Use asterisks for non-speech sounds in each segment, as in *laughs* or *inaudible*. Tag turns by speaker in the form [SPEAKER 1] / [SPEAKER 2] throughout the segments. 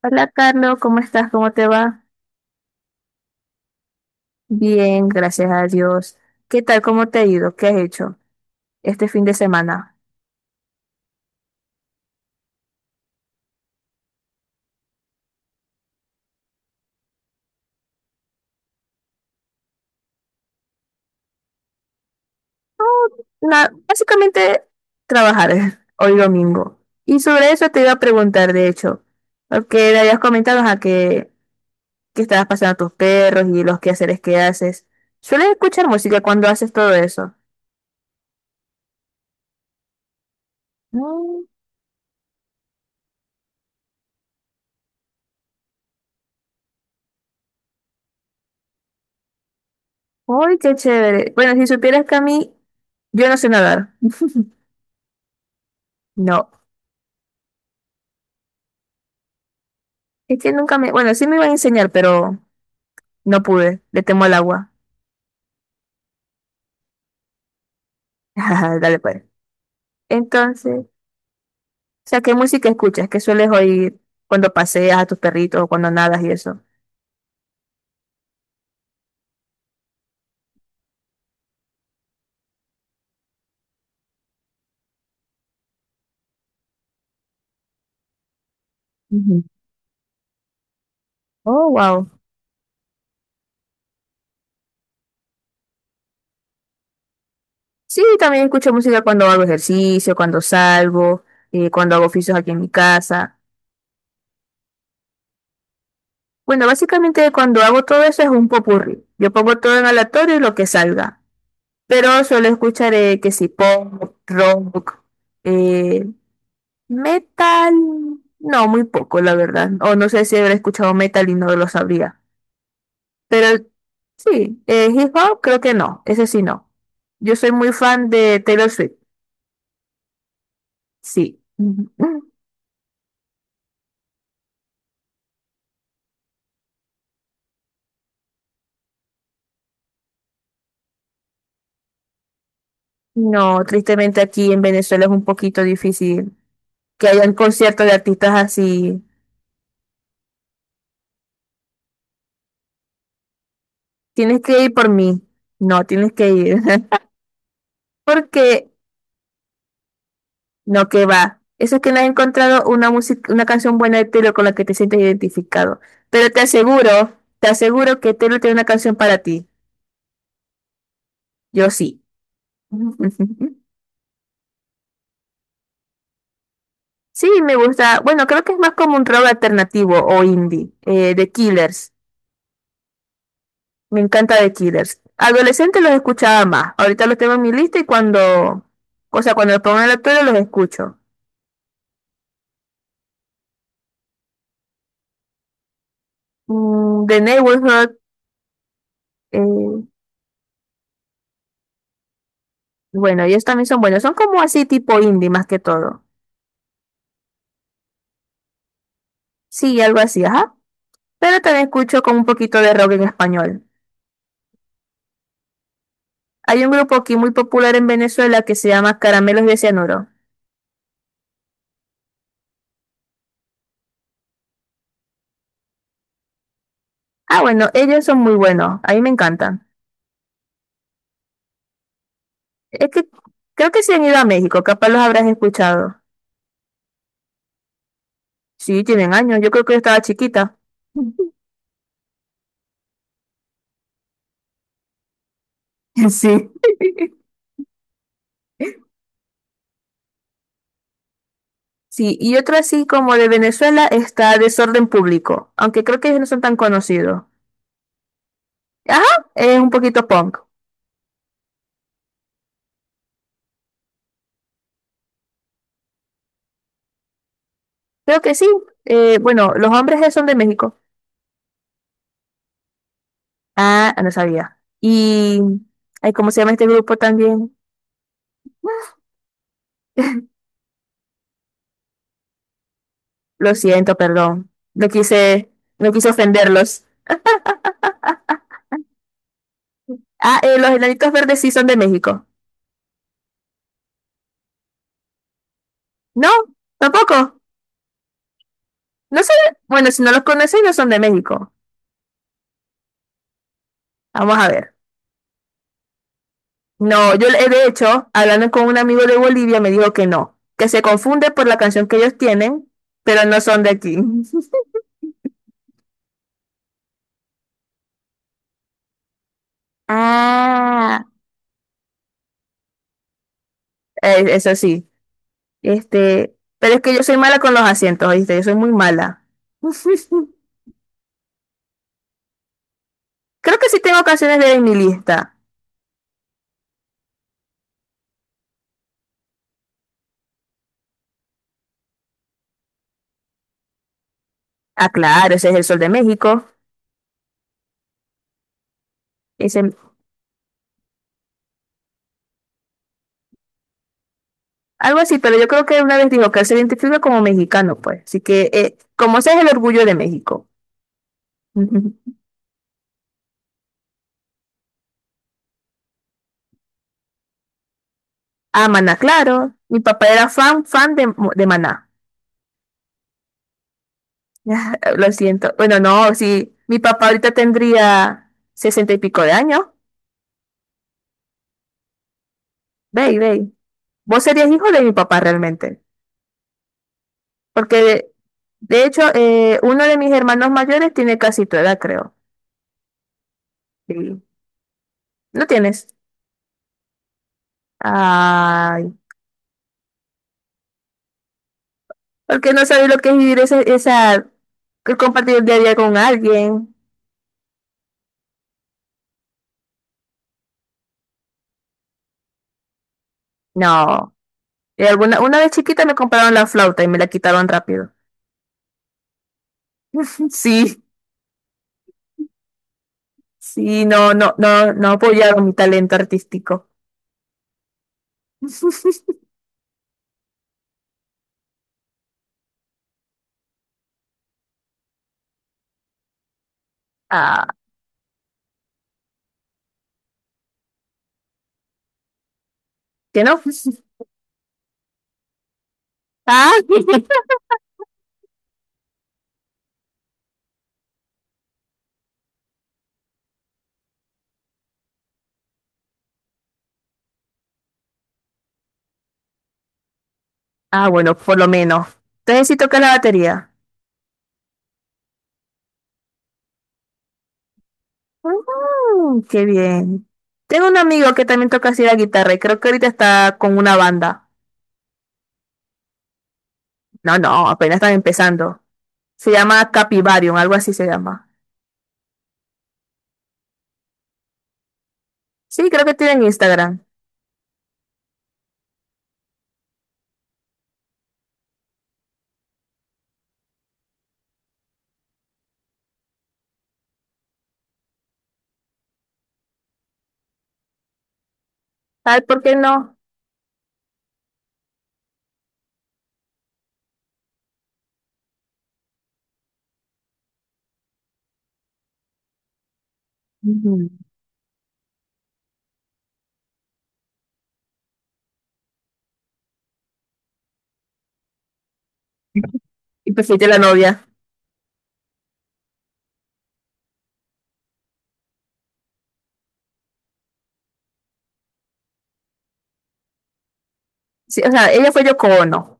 [SPEAKER 1] Hola Carlos, ¿cómo estás? ¿Cómo te va? Bien, gracias a Dios. ¿Qué tal? ¿Cómo te ha ido? ¿Qué has hecho este fin de semana? Nada, básicamente trabajar *laughs* hoy domingo. Y sobre eso te iba a preguntar, de hecho, porque me habías comentado a que estabas pasando a tus perros y los quehaceres que haces. ¿Sueles escuchar música cuando haces todo eso? Mm. ¡Uy, qué chévere! Bueno, si supieras que a mí, yo no sé nadar. No, es que nunca me... Bueno, sí me iban a enseñar, pero... No pude, le temo al agua. *laughs* Dale, pues. Entonces, o sea, ¿qué música escuchas? ¿Qué sueles oír cuando paseas a tus perritos o cuando nadas y eso? Ujú. Oh, wow. Sí, también escucho música cuando hago ejercicio, cuando salgo, cuando hago oficios aquí en mi casa. Bueno, básicamente cuando hago todo eso es un popurrí. Yo pongo todo en aleatorio y lo que salga. Pero suelo escuchar que si pop, rock, eh, metal, no, muy poco, la verdad. O no sé si habrá escuchado metal y no lo sabría. Pero sí, hip hop creo que no, ese sí no. Yo soy muy fan de Taylor Swift, sí. *laughs* Ujú. No, tristemente aquí en Venezuela es un poquito difícil que hayan conciertos de artistas así. Tienes que ir por mí. No, tienes que ir. *laughs* Porque. No, que va. Eso es que no has encontrado una música, una canción buena de Taylor con la que te sientes identificado. Pero te aseguro que Taylor tiene una canción para ti. Yo sí. *laughs* Sí, me gusta. Bueno, creo que es más como un rock alternativo o indie. The Killers. Me encanta The Killers. Adolescente los escuchaba más. Ahorita los tengo en mi lista y cuando, o sea, cuando los pongo en la tele los escucho. The Neighborhood. eh, bueno, ellos también son buenos. Son como así tipo indie más que todo. Sí, algo así, ajá. Pero también escucho como un poquito de rock en español. Hay un grupo aquí muy popular en Venezuela que se llama Caramelos de Cianuro. Ah, bueno, ellos son muy buenos. A mí me encantan. Es que creo que se han ido a México, capaz los habrás escuchado. Sí, tienen años. Yo creo que yo estaba chiquita. *laughs* Sí. Sí, y otro así como de Venezuela está Desorden Público, aunque creo que ellos no son tan conocidos. Ajá, es un poquito punk. Creo que sí. Bueno, los hombres son de México. Ah, no sabía. Y, ay, ¿cómo se llama este grupo también? *laughs* Lo siento, perdón. No quise ofenderlos. Ah, los enanitos verdes sí son de México. No, tampoco. No sé. Bueno, si no los conocen, no son de México. Vamos a ver. No, de hecho, hablando con un amigo de Bolivia, me dijo que no, que se confunde por la canción que ellos tienen, pero no son de aquí. *laughs* Ah, eso sí. Este, pero es que yo soy mala con los asientos, ¿viste? Yo soy muy mala. *laughs* Creo que sí tengo canciones de mi lista. Ah, claro, ese es el Sol de México. Ese, algo así, pero yo creo que una vez dijo que él se identifica como mexicano, pues. Así que, como ese es el orgullo de México. *laughs* Ujú. Ah, Maná, claro. Mi papá era fan de Maná. *laughs* Lo siento. Bueno, no, sí. Mi papá ahorita tendría 60 y pico de años. Ve, ve. Vos serías hijo de mi papá realmente. Porque de hecho, uno de mis hermanos mayores tiene casi tu edad, creo. Sí. ¿No tienes? Ay, porque no sabes lo que es vivir esa, que compartir el día a día con alguien. No. Y alguna, una vez chiquita me compraron la flauta y me la quitaron rápido. *laughs* Sí. Sí, no, no, no, no apoyaron mi talento artístico. Ah, ¿que no? *laughs* Ah, *laughs* ah, bueno, por lo menos. Entonces sí toca la batería. Mm, qué bien. Tengo un amigo que también toca así la guitarra y creo que ahorita está con una banda. No, no, apenas están empezando. Se llama Capivarium, algo así se llama. Sí, creo que tienen Instagram. Ay, ¿por qué no? Ujú. Y perfilé la novia. Sí, o sea, ella fue Yoko Ono.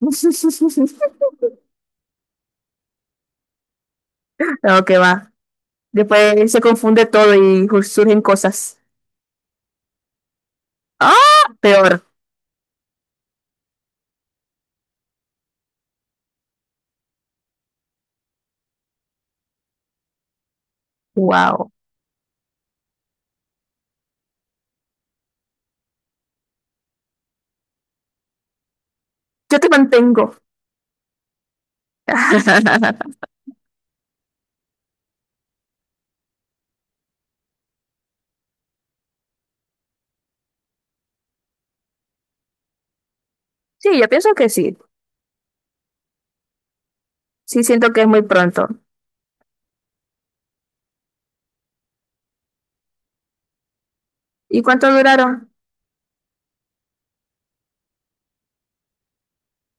[SPEAKER 1] *laughs* No, que va. Después se confunde todo y surgen cosas. ¡Ah! Peor. Wow. Yo te mantengo. *laughs* Sí, yo pienso que sí. Sí, siento que es muy pronto. ¿Y cuánto duraron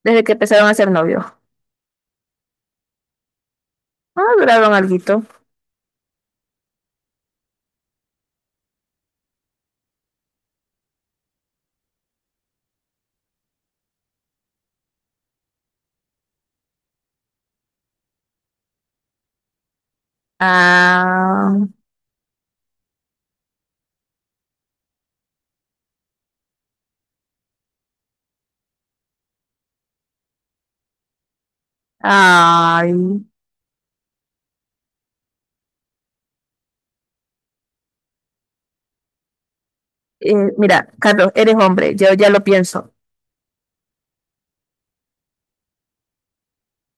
[SPEAKER 1] desde que empezaron a ser novios? Ah, duraron alguito. Ah, ay. Mira, Carlos, eres hombre, yo ya lo pienso.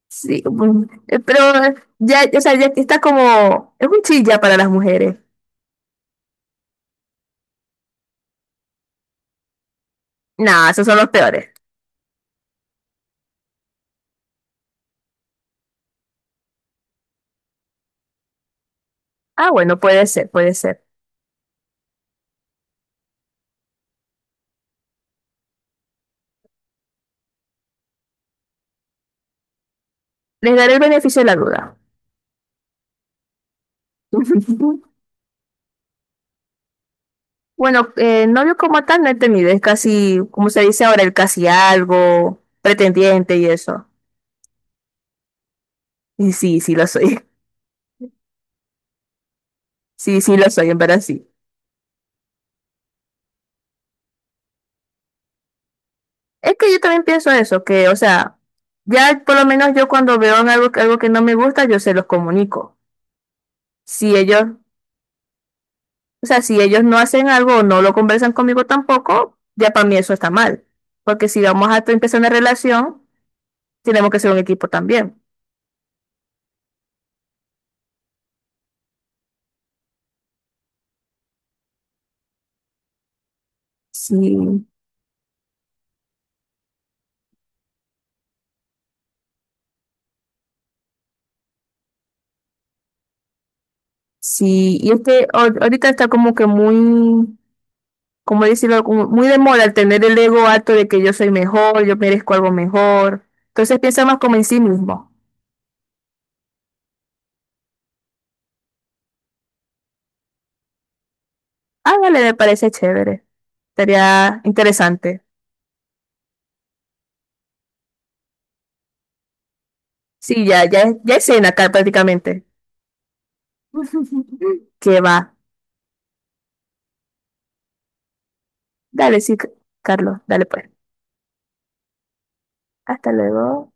[SPEAKER 1] Sí, pero ya, o sea, ya está como, es un chilla para las mujeres. Nah, esos son los peores. Ah, bueno, puede ser, puede ser. Les daré el beneficio de la duda. *laughs* Bueno, novio como tal no he tenido, es casi, como se dice ahora, el casi algo, pretendiente y eso. Y sí, sí lo soy. Sí, sí, lo soy, en verdad sí. Es que yo también pienso eso, que, o sea, ya por lo menos yo cuando veo en algo, algo que no me gusta, yo se los comunico. Si ellos, o sea, si ellos no hacen algo o no lo conversan conmigo tampoco, ya para mí eso está mal. Porque si vamos a empezar una relación, tenemos que ser un equipo también. Sí, sí. Y es que ahorita está como que muy, como decirlo, como muy de moda el tener el ego alto de que yo soy mejor, yo merezco algo mejor. Entonces piensa más como en sí mismo. Ándale, me parece chévere. Estaría interesante. Sí, ya, ya, ya es cena acá prácticamente. *laughs* Que va. Dale, sí, Carlos, dale pues. Hasta luego.